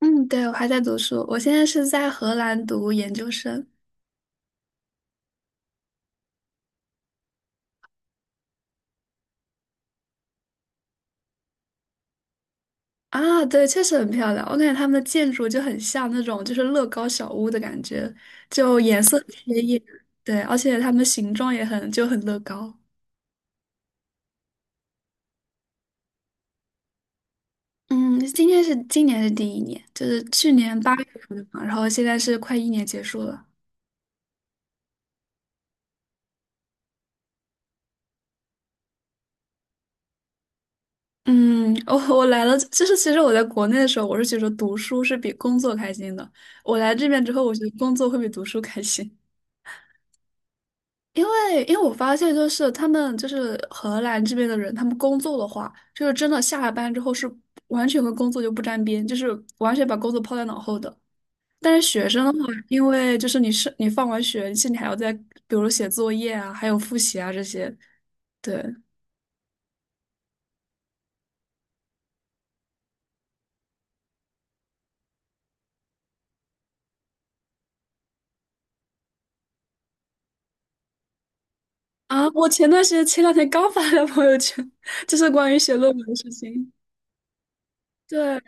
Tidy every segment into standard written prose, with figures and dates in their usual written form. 嗯，对，我还在读书，我现在是在荷兰读研究生啊。对，确实很漂亮，我感觉他们的建筑就很像那种就是乐高小屋的感觉，就颜色很鲜艳，对，而且它们形状也很乐高。嗯，今年是第一年，就是去年八月份的嘛，然后现在是快一年结束了。嗯，我来了，就是其实我在国内的时候，我是觉得读书是比工作开心的。我来这边之后，我觉得工作会比读书开心。因为我发现，就是荷兰这边的人，他们工作的话，就是真的下了班之后是完全跟工作就不沾边，就是完全把工作抛在脑后的。但是学生的话，因为就是你放完学，其实你还要在比如写作业啊，还有复习啊这些。对啊，我前段时间前两天刚发了朋友圈，就是关于写论文的事情。对，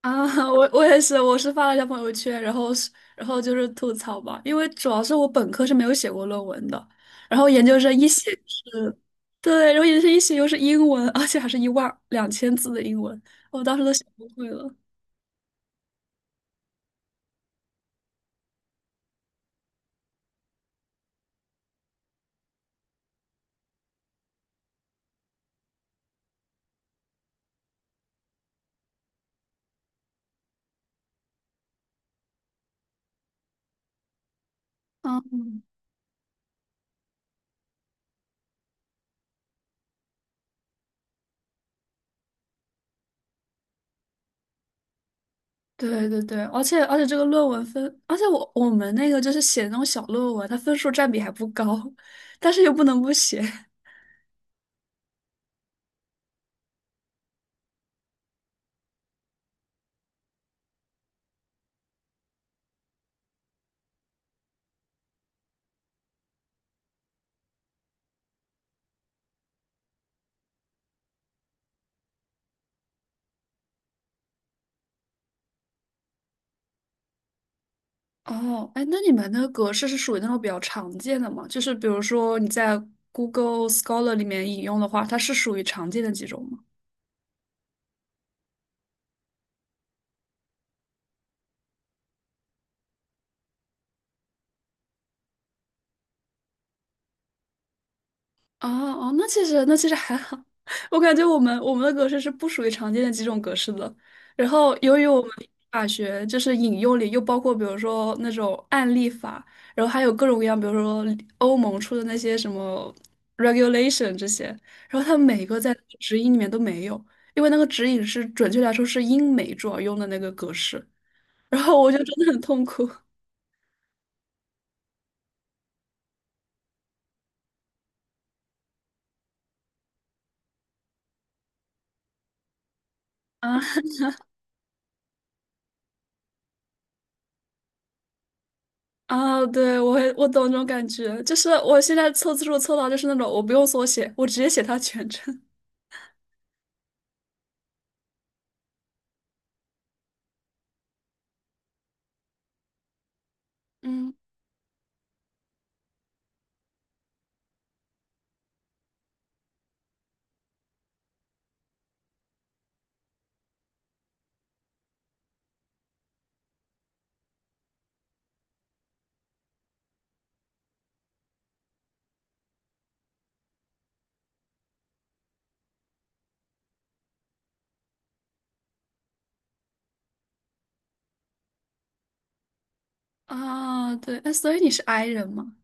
啊，我也是，我是发了一条朋友圈，然后就是吐槽吧，因为主要是我本科是没有写过论文的，然后研究生一写是，对，然后研究生一写又是英文，而且还是12,000字的英文，我当时都写崩溃了。嗯，对对对，而且这个论文分，而且我们那个就是写那种小论文，它分数占比还不高，但是又不能不写。哦，哎，那你们那个格式是属于那种比较常见的吗？就是比如说你在 Google Scholar 里面引用的话，它是属于常见的几种吗？哦哦，那其实还好，我感觉我们的格式是不属于常见的几种格式的。然后由于我们法学就是引用里又包括比如说那种案例法，然后还有各种各样，比如说欧盟出的那些什么 regulation 这些，然后它每个在指引里面都没有，因为那个指引是准确来说是英美主要用的那个格式，然后我就真的很痛苦。啊。啊，对，我懂那种感觉，就是我现在凑字数凑到就是那种我不用缩写，我直接写它全称。嗯，啊，对，哎，所以你是 I 人吗？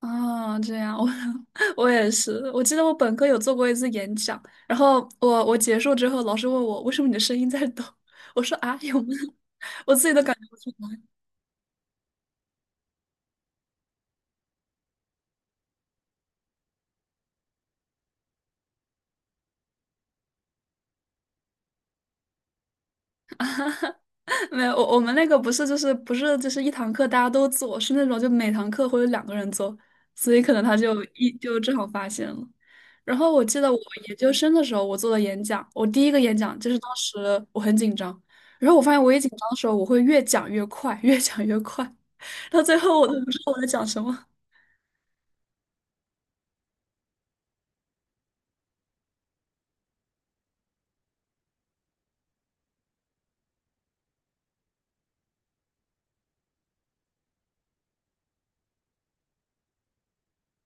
啊，这样，我 我也是，我记得我本科有做过一次演讲，然后我结束之后，老师问我为什么你的声音在抖，我说啊，有吗？我自己都感。没有，我们那个不是就是一堂课大家都做，是那种就每堂课会有两个人做，所以可能他就正好发现了。然后我记得我研究生的时候，我做的演讲，我第一个演讲就是当时我很紧张，然后我发现我一紧张的时候，我会越讲越快，越讲越快，到最后我都不知道我在讲什么。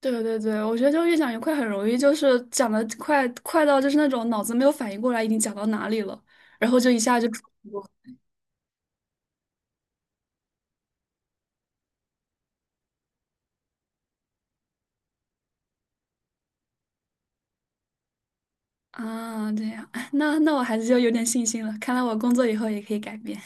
对对对，我觉得就越讲越快，很容易就是讲的快到就是那种脑子没有反应过来已经讲到哪里了，然后就一下就出啊，这样，那我还是就有点信心了。看来我工作以后也可以改变。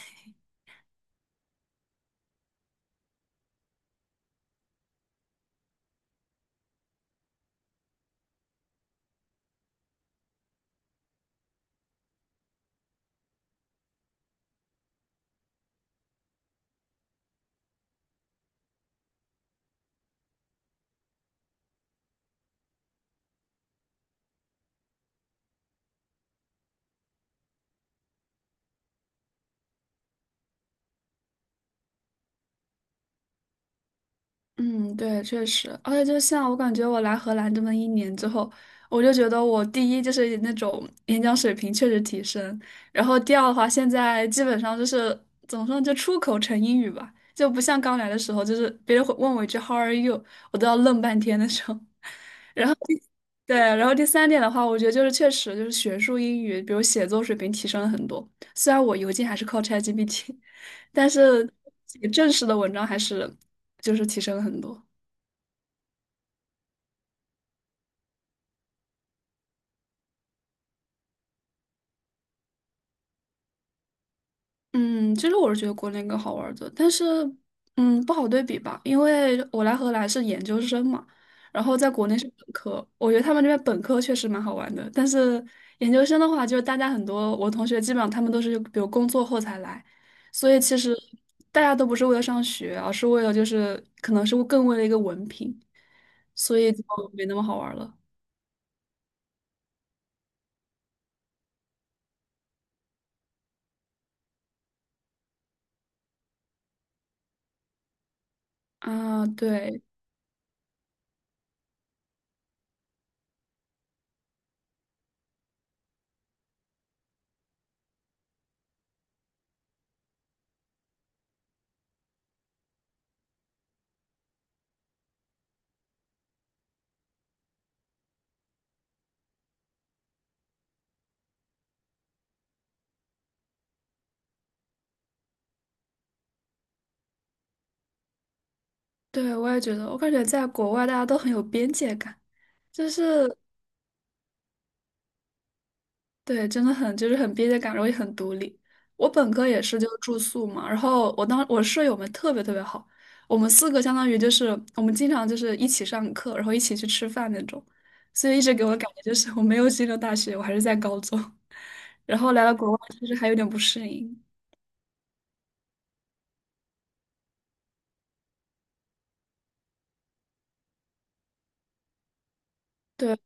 嗯，对，确实，而且就像我感觉我来荷兰这么一年之后，我就觉得我第一就是那种演讲水平确实提升，然后第二的话，现在基本上就是怎么说呢，就出口成英语吧，就不像刚来的时候，就是别人会问我一句 "How are you",我都要愣半天的时候。然后第对，然后第三点的话，我觉得就是确实就是学术英语，比如写作水平提升了很多。虽然我邮件还是靠 ChatGPT,但是写正式的文章还是就是提升了很多。嗯，其实我是觉得国内更好玩儿的，但是不好对比吧，因为我来荷兰是研究生嘛，然后在国内是本科，我觉得他们这边本科确实蛮好玩的，但是研究生的话，就是大家很多我同学基本上他们都是比如工作后才来，所以其实大家都不是为了上学，而是为了就是可能是更为了一个文凭，所以就没那么好玩儿了啊。对对，我也觉得，我感觉在国外大家都很有边界感。就是对，真的很就是很边界感，然后也很独立。我本科也是就住宿嘛，然后我舍友们特别特别好，我们四个相当于就是我们经常就是一起上课，然后一起去吃饭那种，所以一直给我的感觉就是我没有进入大学，我还是在高中，然后来到国外其实还有点不适应。对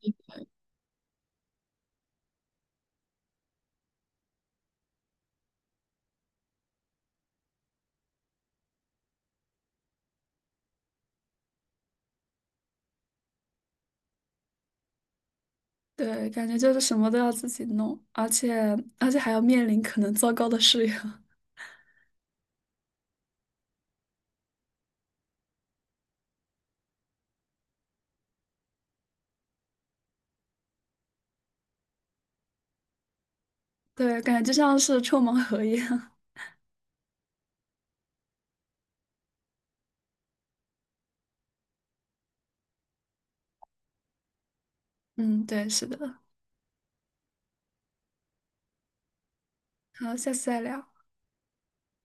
对，感觉就是什么都要自己弄，而且还要面临可能糟糕的室友，对，感觉就像是抽盲盒一样。嗯，对，是的。好，下次再聊。